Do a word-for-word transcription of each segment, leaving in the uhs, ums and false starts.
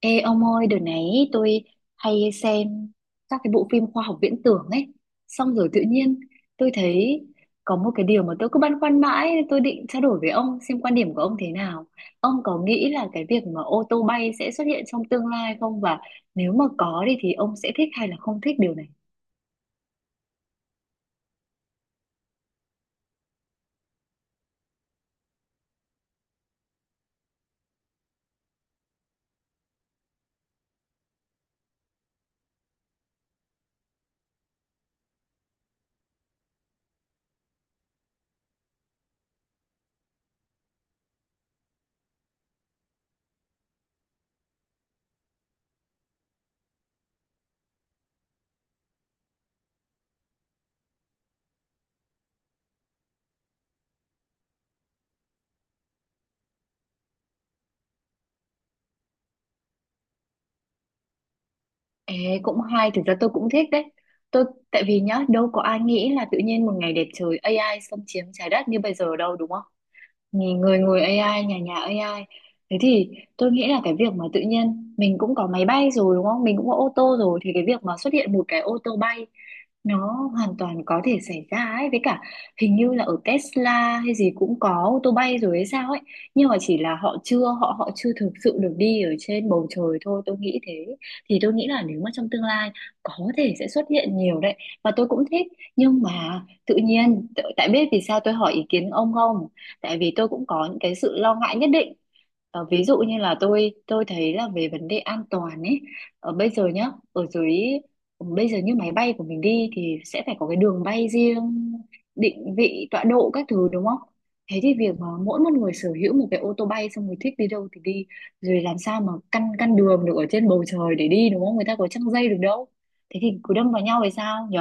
Ê ông ơi, đợt này tôi hay xem các cái bộ phim khoa học viễn tưởng ấy. Xong rồi tự nhiên tôi thấy có một cái điều mà tôi cứ băn khoăn mãi, tôi định trao đổi với ông xem quan điểm của ông thế nào. Ông có nghĩ là cái việc mà ô tô bay sẽ xuất hiện trong tương lai không? Và nếu mà có đi thì ông sẽ thích hay là không thích điều này? Ê, cũng hay, thực ra tôi cũng thích đấy. Tôi, Tại vì nhá, đâu có ai nghĩ là tự nhiên một ngày đẹp trời a i xâm chiếm trái đất như bây giờ đâu đúng không? Nhì- người người a i, nhà nhà a i. Thế thì tôi nghĩ là cái việc mà tự nhiên mình cũng có máy bay rồi đúng không, mình cũng có ô tô rồi, thì cái việc mà xuất hiện một cái ô tô bay nó hoàn toàn có thể xảy ra ấy. Với cả hình như là ở Tesla hay gì cũng có ô tô bay rồi hay sao ấy, nhưng mà chỉ là họ chưa họ họ chưa thực sự được đi ở trên bầu trời thôi, tôi nghĩ thế. Thì tôi nghĩ là nếu mà trong tương lai có thể sẽ xuất hiện nhiều đấy, và tôi cũng thích. Nhưng mà tự nhiên t- tại biết vì sao tôi hỏi ý kiến ông không? Tại vì tôi cũng có những cái sự lo ngại nhất định. Ờ, ví dụ như là tôi tôi thấy là về vấn đề an toàn ấy. Ở bây giờ nhá, ở dưới bây giờ như máy bay của mình đi thì sẽ phải có cái đường bay riêng, định vị tọa độ các thứ đúng không? Thế thì việc mà mỗi một người sở hữu một cái ô tô bay, xong người thích đi đâu thì đi, rồi làm sao mà căn căn đường được ở trên bầu trời để đi đúng không, người ta có trăng dây được đâu. Thế thì cứ đâm vào nhau thì sao nhỉ?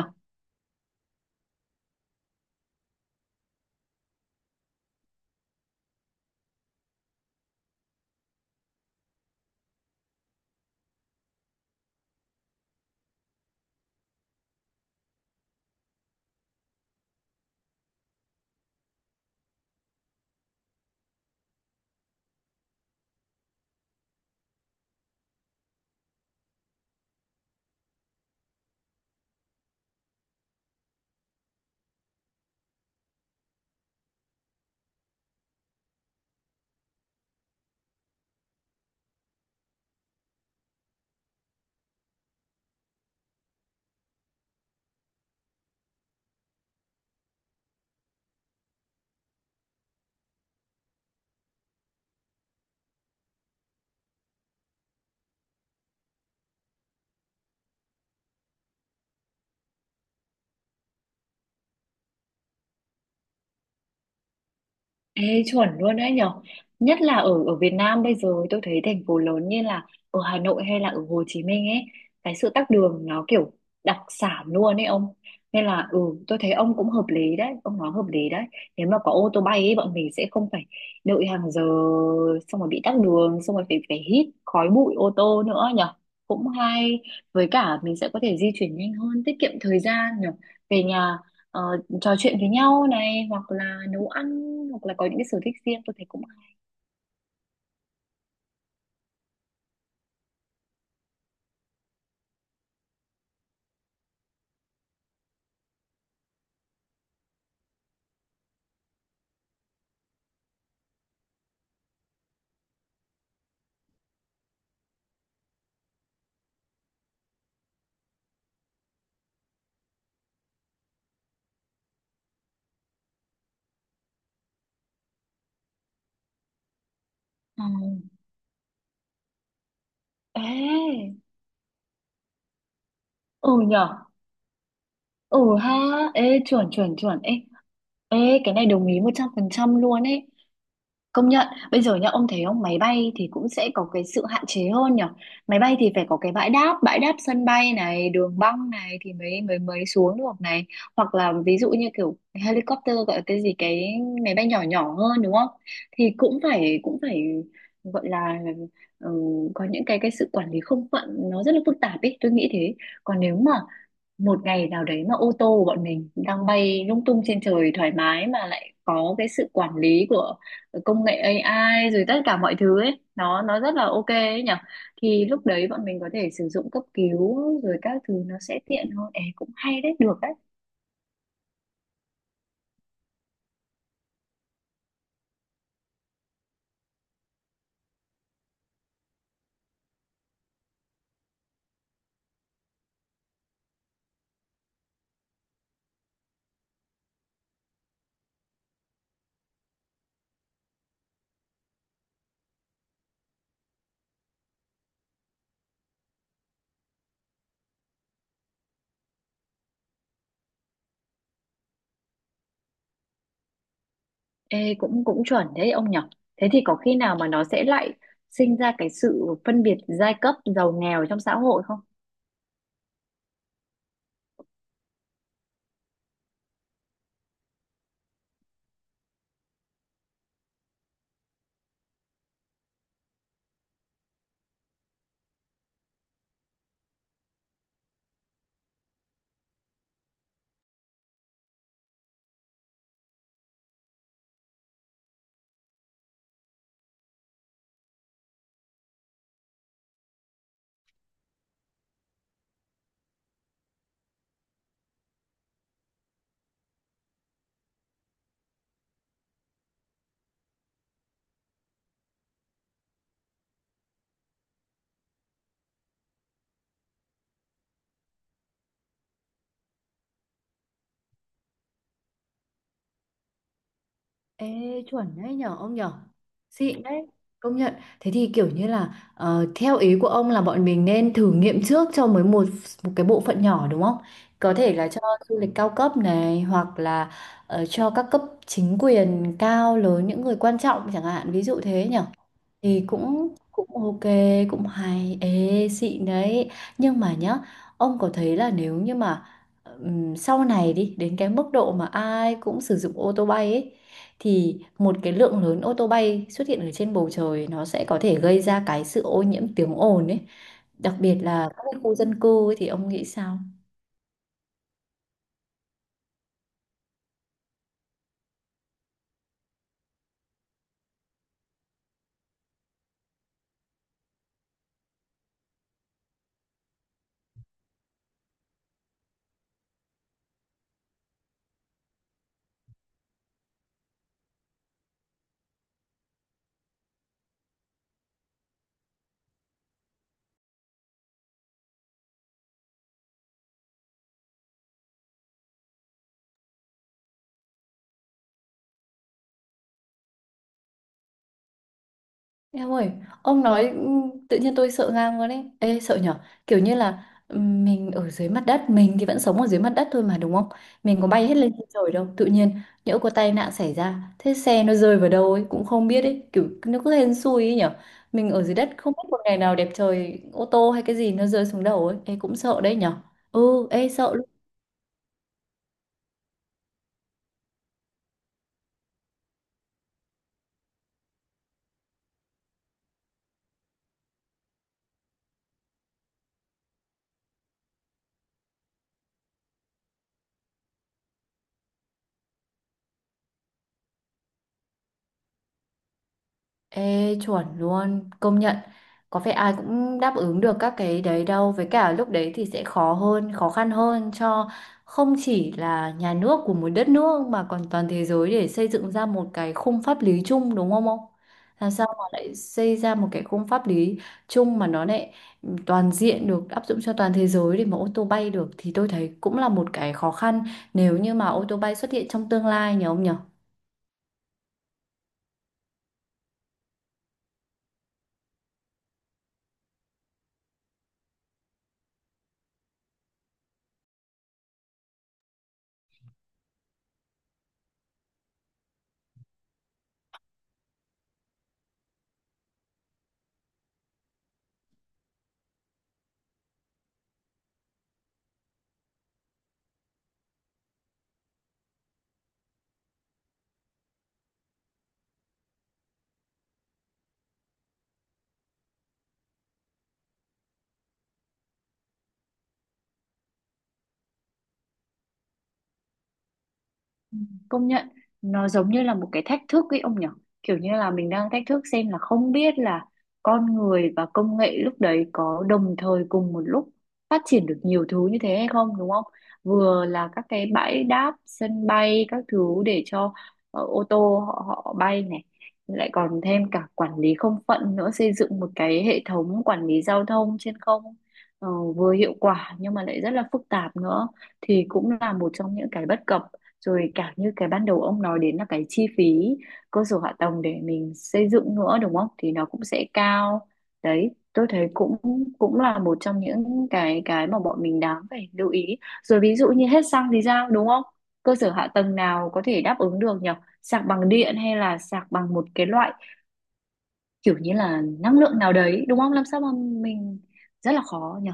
Ê, chuẩn luôn đấy nhở, nhất là ở ở Việt Nam bây giờ tôi thấy thành phố lớn như là ở Hà Nội hay là ở Hồ Chí Minh ấy, cái sự tắc đường nó kiểu đặc sản luôn ấy ông. Nên là ừ, tôi thấy ông cũng hợp lý đấy, ông nói hợp lý đấy. Nếu mà có ô tô bay ấy bọn mình sẽ không phải đợi hàng giờ, xong rồi bị tắc đường, xong rồi phải phải hít khói bụi ô tô nữa nhở. Cũng hay, với cả mình sẽ có thể di chuyển nhanh hơn, tiết kiệm thời gian nhở. Về nhà, ờ, trò chuyện với nhau này, hoặc là nấu ăn, hoặc là có những cái sở thích riêng, tôi thấy cũng hay. Ờ. Ê, ừ nhở. Ừ ha. Ê, chuẩn chuẩn chuẩn. Ê, ê, cái này đồng ý một trăm phần trăm luôn ấy. Công nhận, bây giờ nhá, ông thấy không, máy bay thì cũng sẽ có cái sự hạn chế hơn nhở. Máy bay thì phải có cái bãi đáp, bãi đáp sân bay này, đường băng này thì mới mới mới xuống được này. Hoặc là ví dụ như kiểu helicopter gọi là cái gì, cái máy bay nhỏ nhỏ hơn đúng không? Thì cũng phải cũng phải gọi là, ừ, có những cái cái sự quản lý không phận nó rất là phức tạp ấy, tôi nghĩ thế. Còn nếu mà một ngày nào đấy mà ô tô của bọn mình đang bay lung tung trên trời thoải mái mà lại có cái sự quản lý của công nghệ a i rồi tất cả mọi thứ ấy, nó nó rất là ok ấy nhở, thì lúc đấy bọn mình có thể sử dụng cấp cứu rồi các thứ nó sẽ tiện hơn. Ê, cũng hay đấy, được đấy. Ê, cũng cũng chuẩn đấy ông nhở. Thế thì có khi nào mà nó sẽ lại sinh ra cái sự phân biệt giai cấp giàu nghèo trong xã hội không? Ê, chuẩn đấy nhở ông nhở. Xịn đấy, công nhận. Thế thì kiểu như là, ờ, theo ý của ông là bọn mình nên thử nghiệm trước cho mới một một cái bộ phận nhỏ đúng không? Có thể là cho du lịch cao cấp này, hoặc là, ờ, cho các cấp chính quyền cao lớn, những người quan trọng chẳng hạn, ví dụ thế nhở. Thì cũng cũng ok, cũng hay. Ê, xịn đấy. Nhưng mà nhá, ông có thấy là nếu như mà, ừm, sau này đi đến cái mức độ mà ai cũng sử dụng ô tô bay ấy, thì một cái lượng lớn ô tô bay xuất hiện ở trên bầu trời nó sẽ có thể gây ra cái sự ô nhiễm tiếng ồn ấy, đặc biệt là các cái khu dân cư ấy, thì ông nghĩ sao? Em ơi, ông nói ừm, tự nhiên tôi sợ ngang luôn ấy. Ê, sợ nhở? Kiểu như là, ừm, mình ở dưới mặt đất, mình thì vẫn sống ở dưới mặt đất thôi mà đúng không? Mình có bay hết lên trên trời đâu. Tự nhiên nhỡ có tai nạn xảy ra, thế xe nó rơi vào đâu ấy cũng không biết ấy, kiểu nó cứ hên xui ấy nhở. Mình ở dưới đất không biết một ngày nào đẹp trời, ô tô hay cái gì nó rơi xuống đầu ấy, ê cũng sợ đấy nhở. Ừ, ê sợ. Ê, chuẩn luôn, công nhận. Có phải ai cũng đáp ứng được các cái đấy đâu. Với cả lúc đấy thì sẽ khó hơn, khó khăn hơn cho không chỉ là nhà nước của một đất nước mà còn toàn thế giới để xây dựng ra một cái khung pháp lý chung đúng không ông? Làm sao mà lại xây ra một cái khung pháp lý chung mà nó lại toàn diện được áp dụng cho toàn thế giới để mà ô tô bay được thì tôi thấy cũng là một cái khó khăn nếu như mà ô tô bay xuất hiện trong tương lai nhỉ ông nhỉ? Ừ, công nhận, nó giống như là một cái thách thức ấy ông nhỉ, kiểu như là mình đang thách thức xem là không biết là con người và công nghệ lúc đấy có đồng thời cùng một lúc phát triển được nhiều thứ như thế hay không đúng không? Vừa là các cái bãi đáp sân bay các thứ để cho, ờ, ô tô họ họ bay này, lại còn thêm cả quản lý không phận nữa, xây dựng một cái hệ thống quản lý giao thông trên không, ờ, vừa hiệu quả nhưng mà lại rất là phức tạp nữa, thì cũng là một trong những cái bất cập. Rồi cả như cái ban đầu ông nói đến là cái chi phí cơ sở hạ tầng để mình xây dựng nữa đúng không, thì nó cũng sẽ cao. Đấy, tôi thấy cũng cũng là một trong những cái cái mà bọn mình đáng phải lưu ý. Rồi ví dụ như hết xăng thì sao đúng không, cơ sở hạ tầng nào có thể đáp ứng được nhỉ, sạc bằng điện hay là sạc bằng một cái loại kiểu như là năng lượng nào đấy đúng không, làm sao mà mình, rất là khó nhỉ.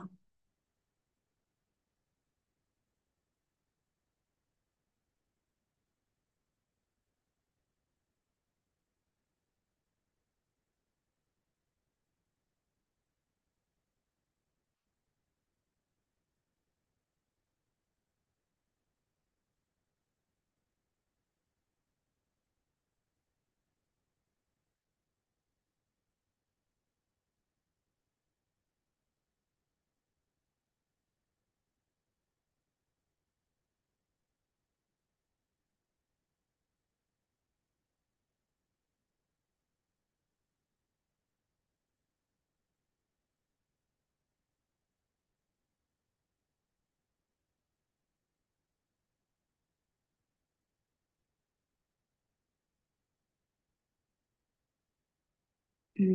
Ừ.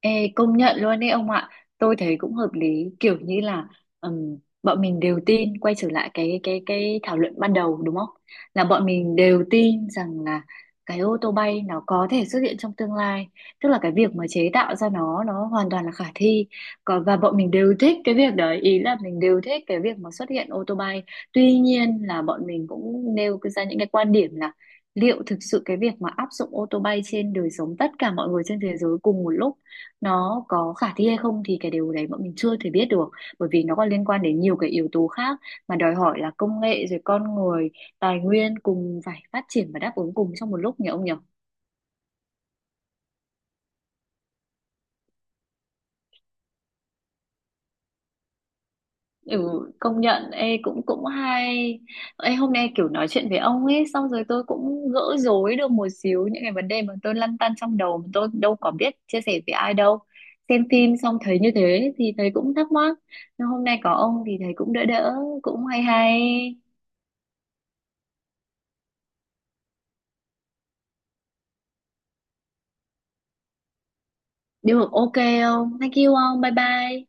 Ê, công nhận luôn đấy ông ạ, tôi thấy cũng hợp lý kiểu như là, ừm, bọn mình đều tin quay trở lại cái cái cái thảo luận ban đầu đúng không, là bọn mình đều tin rằng là cái ô tô bay nó có thể xuất hiện trong tương lai, tức là cái việc mà chế tạo ra nó nó hoàn toàn là khả thi. Còn và bọn mình đều thích cái việc đấy, ý là mình đều thích cái việc mà xuất hiện ô tô bay. Tuy nhiên là bọn mình cũng nêu ra những cái quan điểm là liệu thực sự cái việc mà áp dụng ô tô bay trên đời sống tất cả mọi người trên thế giới cùng một lúc nó có khả thi hay không, thì cái điều đấy bọn mình chưa thể biết được, bởi vì nó còn liên quan đến nhiều cái yếu tố khác mà đòi hỏi là công nghệ rồi con người, tài nguyên cùng phải phát triển và đáp ứng cùng trong một lúc nhỉ ông nhỉ? Ừ, công nhận, ê cũng cũng hay. Ê, hôm nay kiểu nói chuyện với ông ấy xong rồi tôi cũng gỡ rối được một xíu những cái vấn đề mà tôi lăn tăn trong đầu mà tôi đâu có biết chia sẻ với ai đâu. Xem phim xong thấy như thế thì thấy cũng thắc mắc, nhưng hôm nay có ông thì thấy cũng đỡ đỡ, cũng hay hay. Được, ok không? Thank you ông, bye bye.